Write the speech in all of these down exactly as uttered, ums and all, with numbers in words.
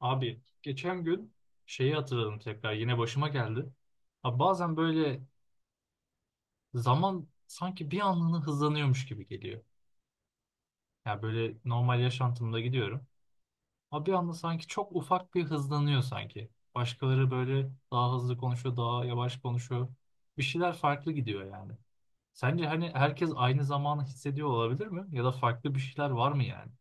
Abi geçen gün şeyi hatırladım tekrar yine başıma geldi. Abi bazen böyle zaman sanki bir anlığına hızlanıyormuş gibi geliyor. Yani böyle normal yaşantımda gidiyorum. Abi bir anda sanki çok ufak bir hızlanıyor sanki. Başkaları böyle daha hızlı konuşuyor, daha yavaş konuşuyor. Bir şeyler farklı gidiyor yani. Sence hani herkes aynı zamanı hissediyor olabilir mi? Ya da farklı bir şeyler var mı yani?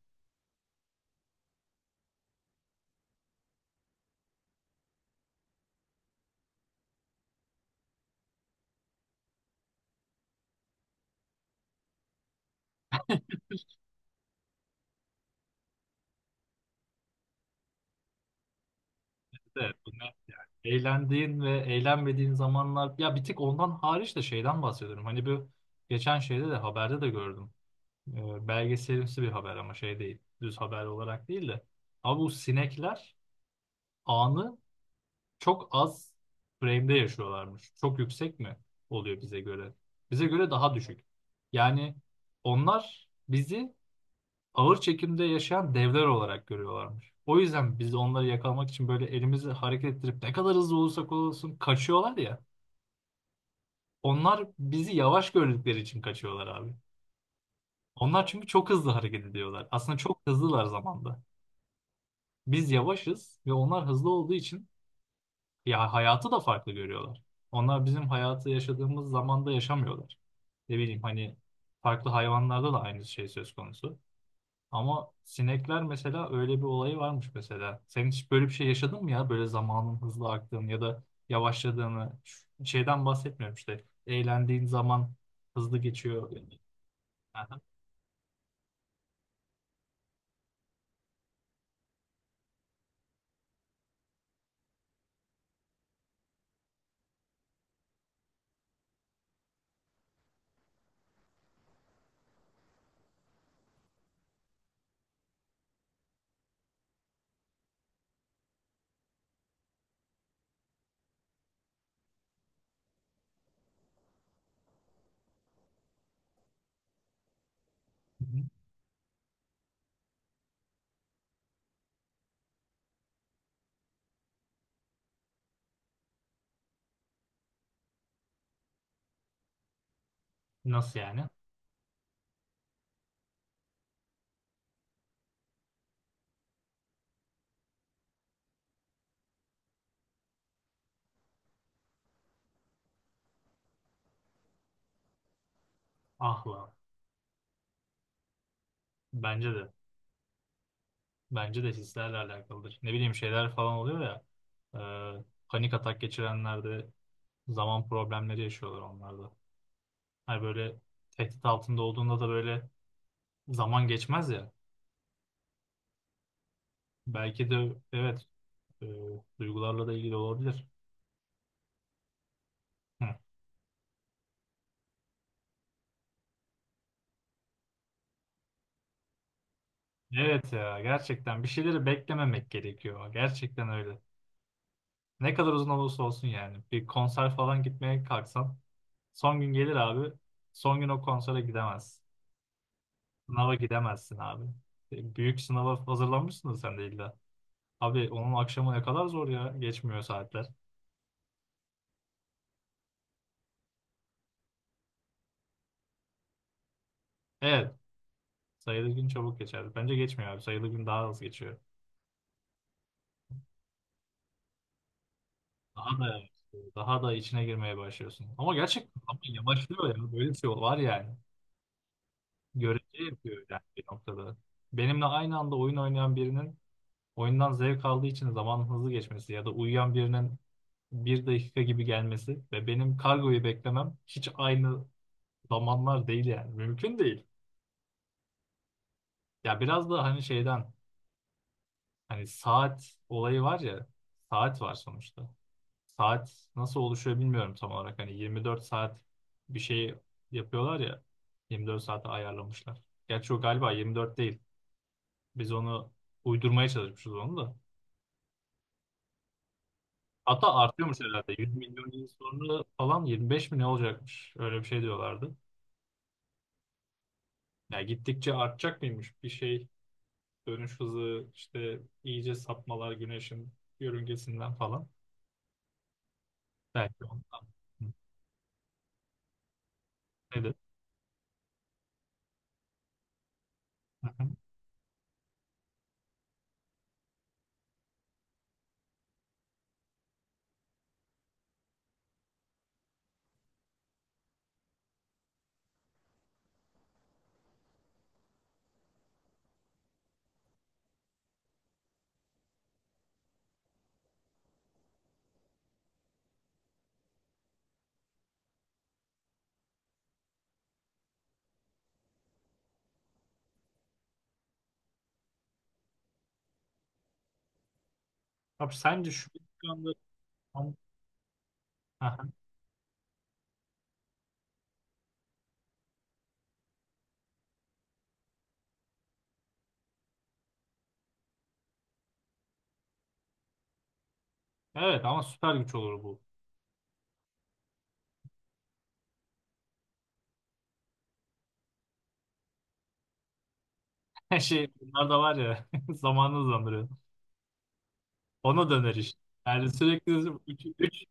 Evet, bunlar yani eğlendiğin ve eğlenmediğin zamanlar ya bir tek ondan hariç de şeyden bahsediyorum. Hani bu geçen şeyde de haberde de gördüm. Ee, belgeselimsi bir haber ama şey değil. Düz haber olarak değil de. Abi bu sinekler anı çok az frame'de yaşıyorlarmış. Çok yüksek mi oluyor bize göre? Bize göre daha düşük. Yani onlar bizi ağır çekimde yaşayan devler olarak görüyorlarmış. O yüzden biz de onları yakalamak için böyle elimizi hareket ettirip ne kadar hızlı olursak olsun kaçıyorlar ya. Onlar bizi yavaş gördükleri için kaçıyorlar abi. Onlar çünkü çok hızlı hareket ediyorlar. Aslında çok hızlılar zamanda. Biz yavaşız ve onlar hızlı olduğu için ya hayatı da farklı görüyorlar. Onlar bizim hayatı yaşadığımız zamanda yaşamıyorlar. Ne bileyim hani farklı hayvanlarda da aynı şey söz konusu. Ama sinekler mesela öyle bir olayı varmış mesela. Sen hiç böyle bir şey yaşadın mı ya? Böyle zamanın hızlı aktığını ya da yavaşladığını. Ş- Şeyden bahsetmiyorum işte. Eğlendiğin zaman hızlı geçiyor. Aha. Hı hı. Nasıl yani? Ah lan. Bence de. Bence de hislerle alakalıdır. Ne bileyim şeyler falan oluyor ya. E, panik atak geçirenlerde zaman problemleri yaşıyorlar onlarda. Hani böyle tehdit altında olduğunda da böyle zaman geçmez ya. Belki de evet, e, duygularla da ilgili olabilir. Hı. Evet ya gerçekten bir şeyleri beklememek gerekiyor. Gerçekten öyle. Ne kadar uzun olursa olsun yani. Bir konser falan gitmeye kalksan son gün gelir abi. Son gün o konsere gidemez. Sınava gidemezsin abi. E, Büyük sınava hazırlanmışsın da sen de illa. Abi onun akşamı ne kadar zor ya. Geçmiyor saatler. Evet. Sayılı gün çabuk geçer. Bence geçmiyor abi. Sayılı gün daha hızlı geçiyor. Daha da evet, daha da içine girmeye başlıyorsun. Ama gerçekten ama yavaşlıyor ya. Böyle bir şey var yani. Görece yapıyor yani bir noktada. Benimle aynı anda oyun oynayan birinin oyundan zevk aldığı için zamanın hızlı geçmesi ya da uyuyan birinin bir dakika gibi gelmesi ve benim kargoyu beklemem hiç aynı zamanlar değil yani. Mümkün değil. Ya biraz da hani şeyden hani saat olayı var ya saat var sonuçta. Saat nasıl oluşuyor bilmiyorum tam olarak. Hani yirmi dört saat bir şey yapıyorlar ya. yirmi dört saate ayarlamışlar. Gerçi o galiba yirmi dört değil. Biz onu uydurmaya çalışmışız onu da. Hatta artıyormuş herhalde. yüz milyon yıl sonra falan yirmi beş mi ne olacakmış? Öyle bir şey diyorlardı. Ya gittikçe artacak mıymış bir şey dönüş hızı işte iyice sapmalar güneşin yörüngesinden falan. Belki ondan. Hı. Nedir? Hı hı. Abi sence şu anda. Evet ama süper güç olur bu. Her şey bunlar da var ya zamanı hızlandırıyor. Ona döner işte. Yani sürekli üç, üç-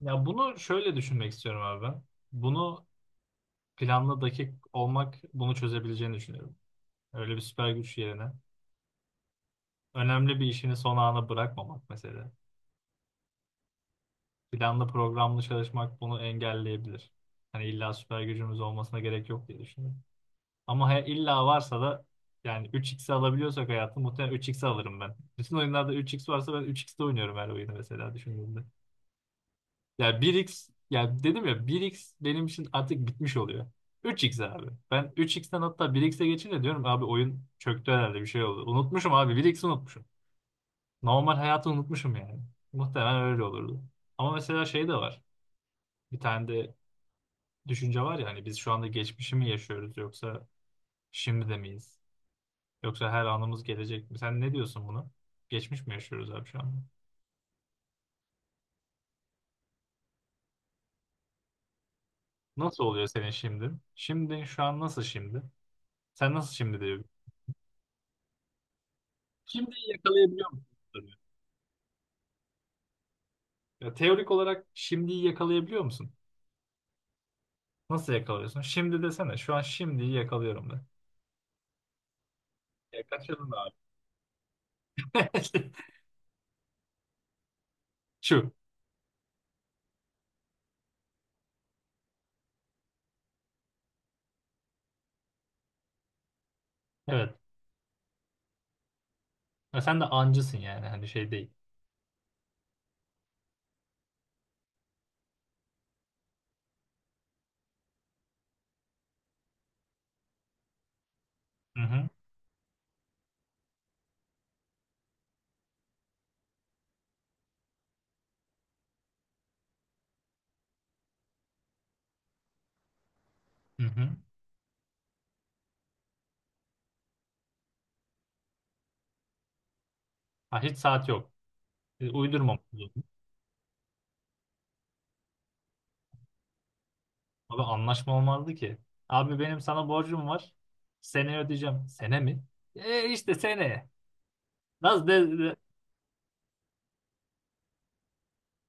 Ya bunu şöyle düşünmek istiyorum abi ben. Bunu planlı dakik olmak bunu çözebileceğini düşünüyorum. Öyle bir süper güç yerine. Önemli bir işini son ana bırakmamak mesela. Planlı programlı çalışmak bunu engelleyebilir. Hani illa süper gücümüz olmasına gerek yok diye düşünüyorum. Ama he, illa varsa da yani üç x'i alabiliyorsak hayatım muhtemelen üç x alırım ben. Bütün oyunlarda üç x varsa ben üç x'te oynuyorum her oyunu mesela düşündüğümde. Ya bir x ya dedim ya bir x benim için artık bitmiş oluyor. üç x abi. Ben üç x'ten hatta bir xe geçince diyorum abi oyun çöktü herhalde bir şey oldu. Unutmuşum abi bir xi unutmuşum. Normal hayatı unutmuşum yani. Muhtemelen öyle olurdu. Ama mesela şey de var. Bir tane de düşünce var ya hani biz şu anda geçmişi mi yaşıyoruz yoksa şimdi de miyiz? Yoksa her anımız gelecek mi? Sen ne diyorsun buna? Geçmiş mi yaşıyoruz abi şu anda? Nasıl oluyor senin şimdi? Şimdi şu an nasıl şimdi? Sen nasıl şimdi diyor. Şimdiyi yakalayabiliyor musun? Ya teorik olarak şimdiyi yakalayabiliyor musun? Nasıl yakalıyorsun? Şimdi desene. Şu an şimdiyi yakalıyorum de. Ya kaçırdın abi. Şu. Evet. Ya sen de ancısın yani. Hani şey değil. Hı hı. Hı hı. Ha, hiç saat yok. E, Uydurmam. Abi anlaşma olmazdı ki. Abi benim sana borcum var. Seneye ödeyeceğim. Sene mi? E işte seneye. Nasıl de, de-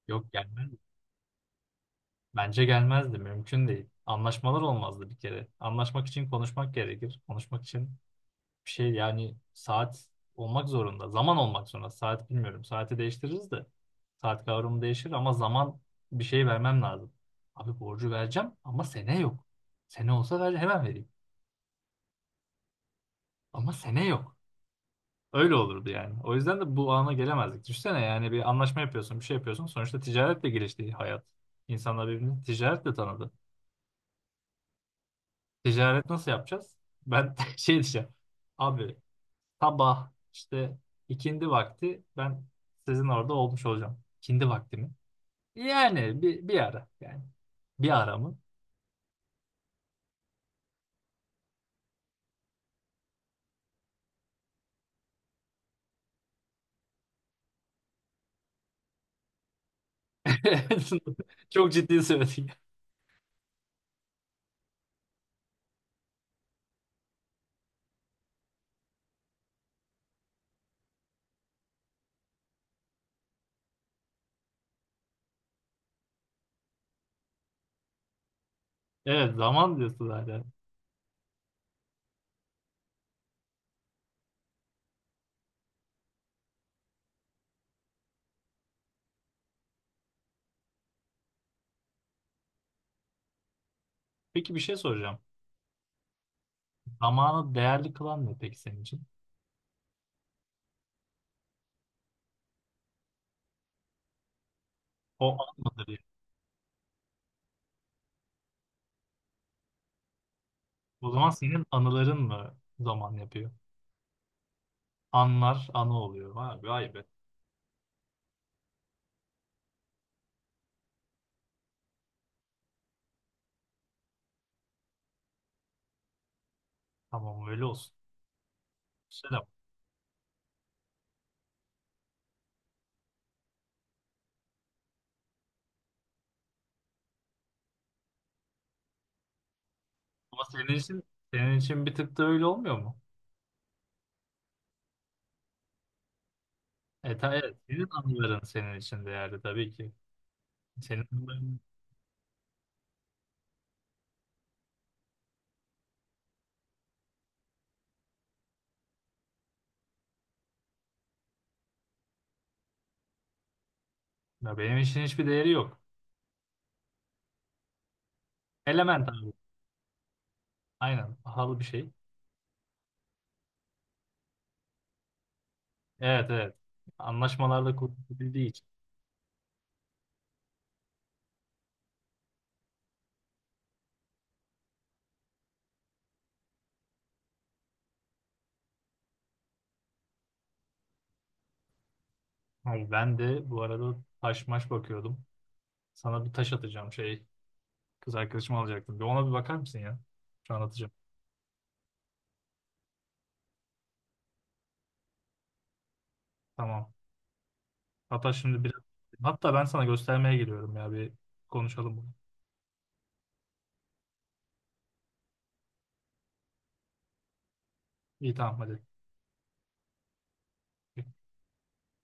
Yok gelmez. Bence gelmezdi. Mümkün değil. Anlaşmalar olmazdı bir kere. Anlaşmak için konuşmak gerekir. Konuşmak için bir şey yani saat olmak zorunda. Zaman olmak zorunda. Saat bilmiyorum. Saati değiştiririz de. Saat kavramı değişir ama zaman bir şey vermem lazım. Abi borcu vereceğim ama sene yok. Sene olsa ver, hemen vereyim. Ama sene yok. Öyle olurdu yani. O yüzden de bu ana gelemezdik. Düşünsene yani bir anlaşma yapıyorsun, bir şey yapıyorsun. Sonuçta ticaretle gelişti hayat. İnsanlar birbirini ticaretle tanıdı. Ticaret nasıl yapacağız? Ben şey diyeceğim. Abi sabah işte ikindi vakti ben sizin orada olmuş olacağım. İkindi vakti mi? Yani bir, bir ara yani. Bir ara mı? Çok ciddi söyledik. Evet zaman diyorsun zaten. Peki bir şey soracağım. Zamanı değerli kılan ne peki senin için? O an mıdır? O zaman senin anıların mı zaman yapıyor? Anlar anı oluyor. Vay be, vay be. Tamam öyle olsun. Selam. Ama senin için senin için bir tık da öyle olmuyor mu? E, ta- evet senin anıların senin için değerli tabii ki. Senin anıların ya benim için hiçbir değeri yok. Element abi. Aynen pahalı bir şey. Evet evet. Anlaşmalarla kurtulabildiği için. Abi ben de bu arada taş maş bakıyordum. Sana bir taş atacağım şey. Kız arkadaşımı alacaktım. Bir ona bir bakar mısın ya? Şu an atacağım. Tamam. Hatta şimdi biraz... Hatta ben sana göstermeye geliyorum ya bir konuşalım bunu. İyi tamam hadi.